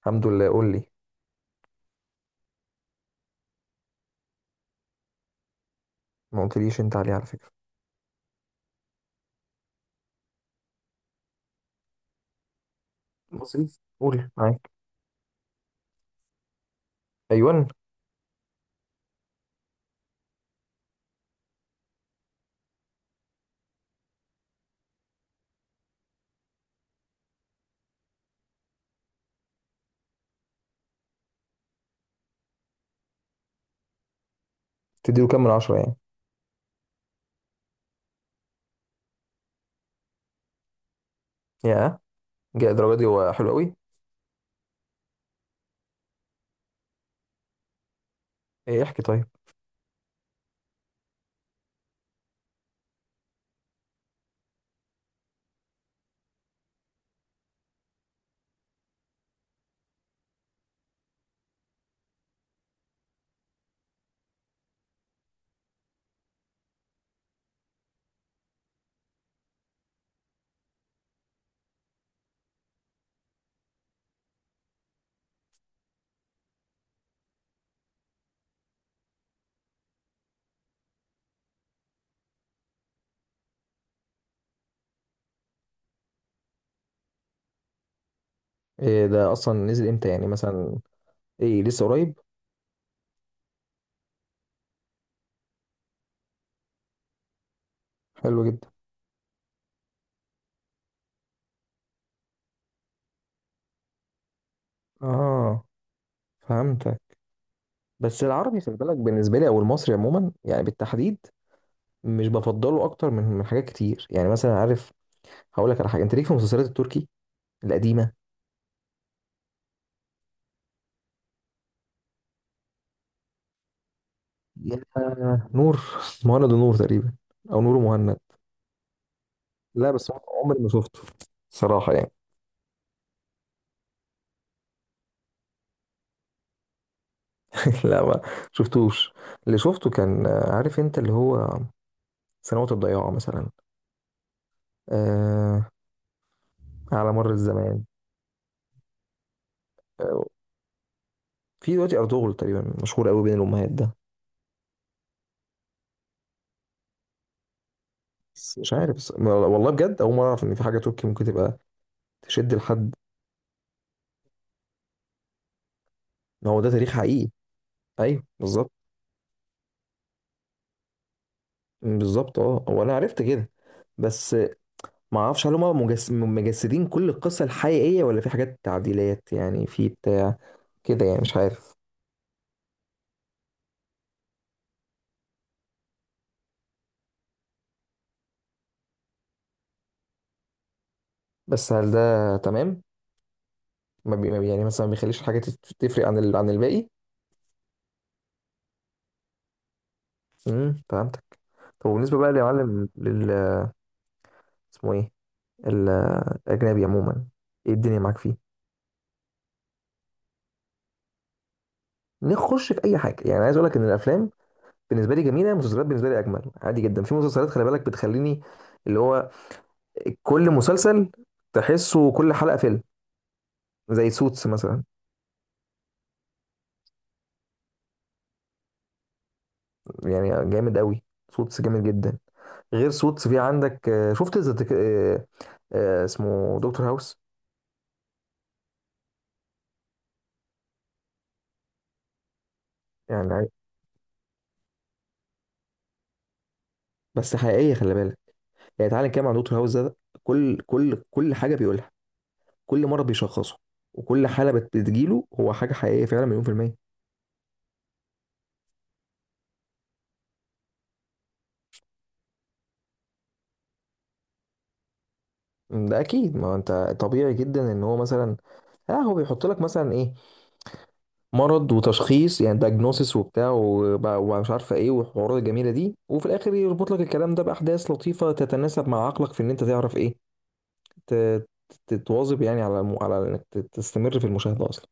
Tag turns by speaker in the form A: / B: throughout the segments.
A: الحمد لله. قول لي. ما قلتليش انت عليه على فكرة. بسيط. قول معاك. ايوان. تديله كام من عشرة يعني؟ يا جاء الدرجة دي، هو حلو قوي. ايه؟ احكي طيب. إيه ده اصلا نزل امتى يعني، مثلا؟ ايه، لسه قريب؟ حلو جدا. اه، فهمتك. بس العربي خلي بالك، بالنسبة لي، او المصري عموما يعني بالتحديد، مش بفضله اكتر من حاجات كتير، يعني مثلا، عارف، هقول لك على حاجة. انت ليك في المسلسلات التركي القديمة؟ يا نور مهند ونور تقريبا، او نور ومهند. لا بس هو عمري ما شفته صراحة يعني. لا، ما شفتوش. اللي شفته كان، عارف انت اللي هو، سنوات الضياع مثلا. آه. على مر الزمان. آه في دلوقتي أرطغرل تقريبا مشهور قوي بين الأمهات ده. بس مش عارف والله بجد، أول مرة أعرف إن في حاجة تركي ممكن تبقى تشد لحد. ما هو ده تاريخ حقيقي. أيوه بالظبط. بالظبط، هو أنا عرفت كده. بس ما أعرفش هل هم مجسدين كل القصة الحقيقية، ولا في حاجات تعديلات يعني، في بتاع كده يعني، مش عارف. بس هل ده تمام؟ ما بي... ما بي- يعني مثلا ما بيخليش حاجه تفرق عن عن الباقي. فهمتك. طب بالنسبه بقى يا معلم اسمه ايه ال- الاجنبي عموما؟ ايه الدنيا معاك فيه؟ نخش في اي حاجه يعني. عايز اقول لك ان الافلام بالنسبه لي جميله، المسلسلات بالنسبه لي اجمل. عادي جدا في مسلسلات خلي بالك بتخليني، اللي هو كل مسلسل تحسه كل حلقه فيلم، زي سوتس مثلا. يعني جامد قوي. سوتس جامد جدا. غير سوتس في عندك، شفت ذا تك- آه، آه، اسمه دكتور هاوس. يعني بس حقيقيه خلي بالك. يعني تعالى نتكلم عن دكتور هاوس ده. كل حاجه بيقولها، كل مرض بيشخصه، وكل حاله بتجيله، هو حاجه حقيقيه فعلا، مليون في الميه. ده اكيد. ما هو انت طبيعي جدا ان هو مثلا، اه، هو بيحط لك مثلا ايه، مرض وتشخيص يعني دايجنوسيس وبتاع ومش عارفه ايه، والحوارات الجميله دي، وفي الاخر يربط لك الكلام ده باحداث لطيفه تتناسب مع عقلك في ان انت تعرف ايه، ت- تتواظب يعني على على انك تستمر في المشاهده اصلا.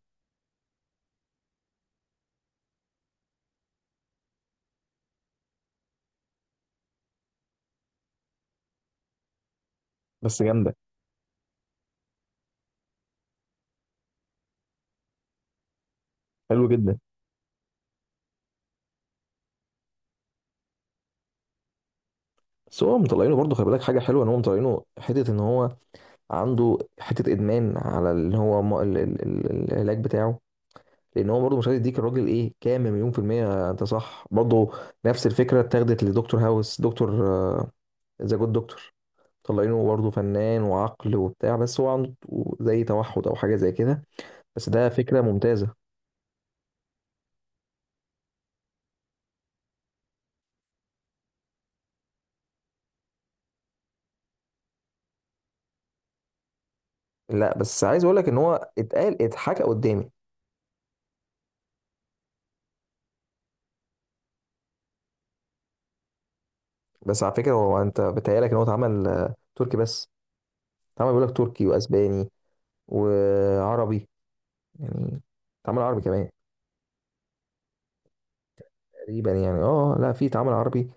A: بس جامده. حلو جدا. بس هو مطلعينه برضه خلي بالك، حاجه حلوه ان هو مطلعينه، حته ان هو عنده حته ادمان على اللي هو العلاج بتاعه. لان هو برضه مش عايز يديك الراجل، ايه، كام مليون في الميه، انت صح برضه. نفس الفكره اتاخدت لدكتور هاوس، دكتور ذا جود دكتور. مطلعينه برضه فنان وعقل وبتاع، بس هو عنده زي توحد او حاجه زي كده. بس ده فكره ممتازه. لا، بس عايز اقول لك ان هو اتقال اتحكى قدامي. بس على فكره، هو انت بتهيألك ان هو اتعمل تركي بس؟ اتعمل، بيقول لك، تركي واسباني وعربي يعني، اتعمل عربي كمان تقريبا يعني. اه لا، في اتعمل عربي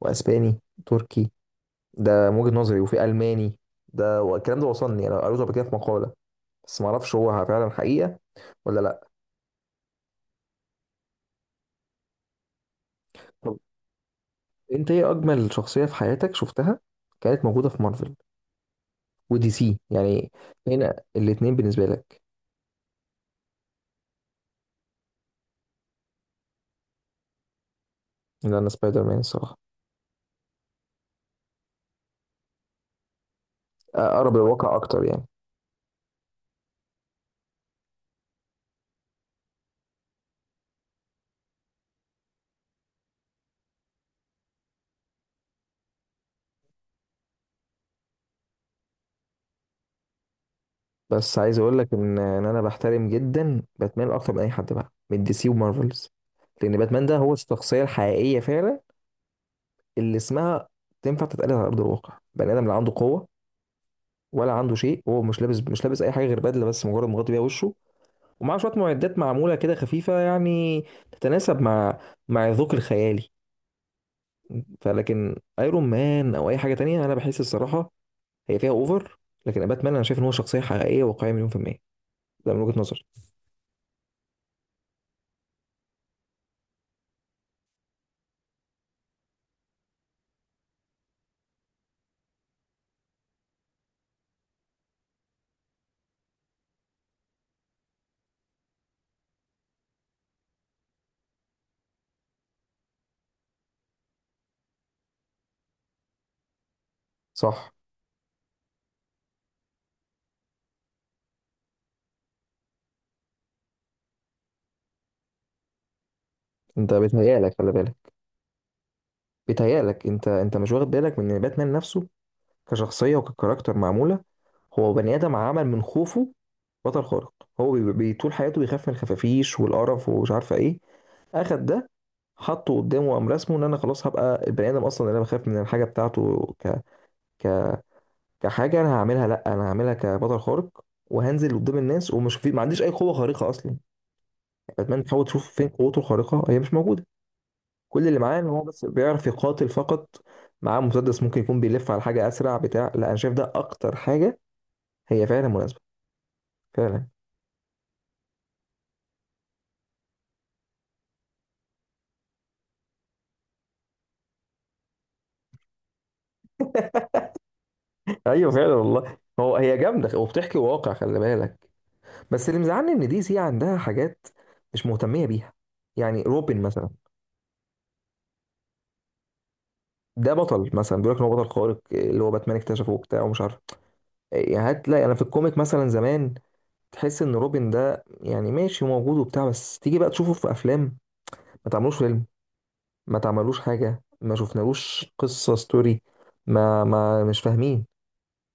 A: واسباني تركي، ده من وجهة نظري، وفي الماني. ده والكلام ده وصلني يعني، انا قريته قبل كده في مقالة. بس ما اعرفش هو فعلا حقيقة ولا لا. طب انت ايه اجمل شخصية في حياتك شفتها، كانت موجودة في مارفل ودي سي يعني، هنا الاتنين بالنسبة لك؟ لان سبايدر مان الصراحة اقرب الواقع اكتر يعني. بس عايز اقول لك ان انا بحترم جدا باتمان اكتر من اي حد بقى من دي سي ومارفلز. لان باتمان ده هو الشخصيه الحقيقيه فعلا، اللي اسمها تنفع تتقال على ارض الواقع. بني ادم، لا عنده قوه ولا عنده شيء، هو مش لابس اي حاجه غير بدله بس، مجرد مغطي بيها وشه، ومعاه شويه معدات معموله كده خفيفه يعني، تتناسب مع الذوق الخيالي. فلكن ايرون مان او اي حاجه تانية، انا بحس الصراحه هي فيها اوفر. لكن باتمان انا شايف ان هو شخصيه حقيقيه واقعيه مليون في الميه. ده من وجهه نظري. صح. انت بيتهيألك خلي بالك، بيتهيألك انت مش واخد بالك من ان باتمان نفسه كشخصية وككاركتر معمولة. هو بني آدم عمل من خوفه بطل خارق. هو طول حياته بيخاف من الخفافيش والقرف ومش عارفة ايه، اخد ده، حطه قدامه، وقام رسمه ان، انا خلاص هبقى البني ادم اصلا اللي انا بخاف من الحاجه بتاعته، ك... كحاجه انا هعملها. لا، انا هعملها كبطل خارق، وهنزل قدام الناس، ومش في ما عنديش اي قوه خارقه اصلا. باتمان تحاول تشوف فين قوته الخارقه، هي مش موجوده. كل اللي معاه ان هو بس بيعرف يقاتل فقط، معاه مسدس، ممكن يكون بيلف على حاجه اسرع بتاع. لا، انا شايف ده اكتر حاجه هي فعلا مناسبه فعلا. ايوه فعلا والله. هو، هي جامده وبتحكي واقع خلي بالك. بس اللي مزعلني ان دي سي عندها حاجات مش مهتميه بيها، يعني روبن مثلا. ده بطل، مثلا بيقول لك ان هو بطل خارق اللي هو باتمان اكتشفه وبتاع ومش عارف. يعني هتلاقي انا في الكوميك مثلا زمان تحس ان روبن ده يعني ماشي موجود وبتاع، بس تيجي بقى تشوفه في افلام، ما تعملوش فيلم، ما تعملوش حاجة، ما شفنالوش قصة ستوري، ما مش فاهمين.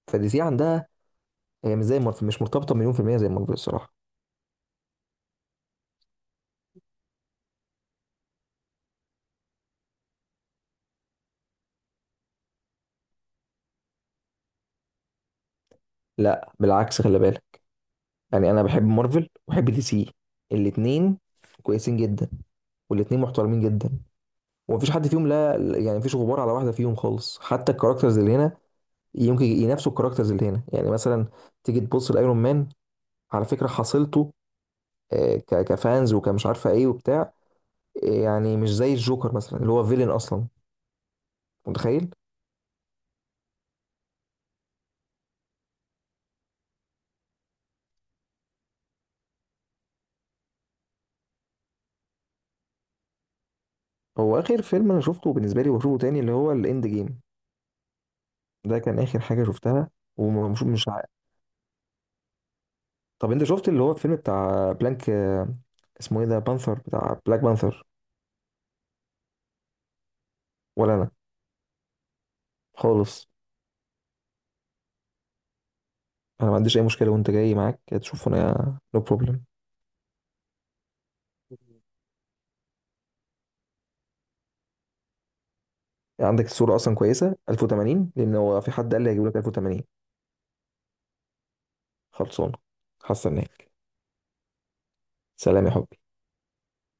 A: فدي سي عندها، هي مش زي مارفل، مش مرتبطة مليون في المية زي مارفل الصراحة. لا، بالعكس خلي بالك. يعني أنا بحب مارفل وبحب دي سي الاتنين، كويسين جدا، والاتنين محترمين جدا، ومفيش حد فيهم، لا يعني مفيش غبار على واحدة فيهم خالص. حتى الكاركترز اللي هنا يمكن ينافسوا الكاركترز اللي هنا، يعني مثلا تيجي تبص لايرون مان على فكرة حصيلته كفانز وكمش عارفة ايه وبتاع، يعني مش زي الجوكر مثلا اللي هو فيلن اصلا، متخيل. هو اخر فيلم انا شفته بالنسبه لي وبشوفه تاني اللي هو الاند جيم، ده كان اخر حاجه شفتها. ومش مش عارف. طب انت شفت اللي هو الفيلم بتاع بلانك، اسمه ايه ده، بانثر بتاع بلاك بانثر؟ ولا انا خالص. انا ما عنديش اي مشكله، وانت جاي معاك تشوفه، انا نو بروبلم. عندك الصوره اصلا كويسه 1080؟ لان هو في حد قال لي هيجيب لك 1080. خلصانه. هستناك. سلام يا حبي.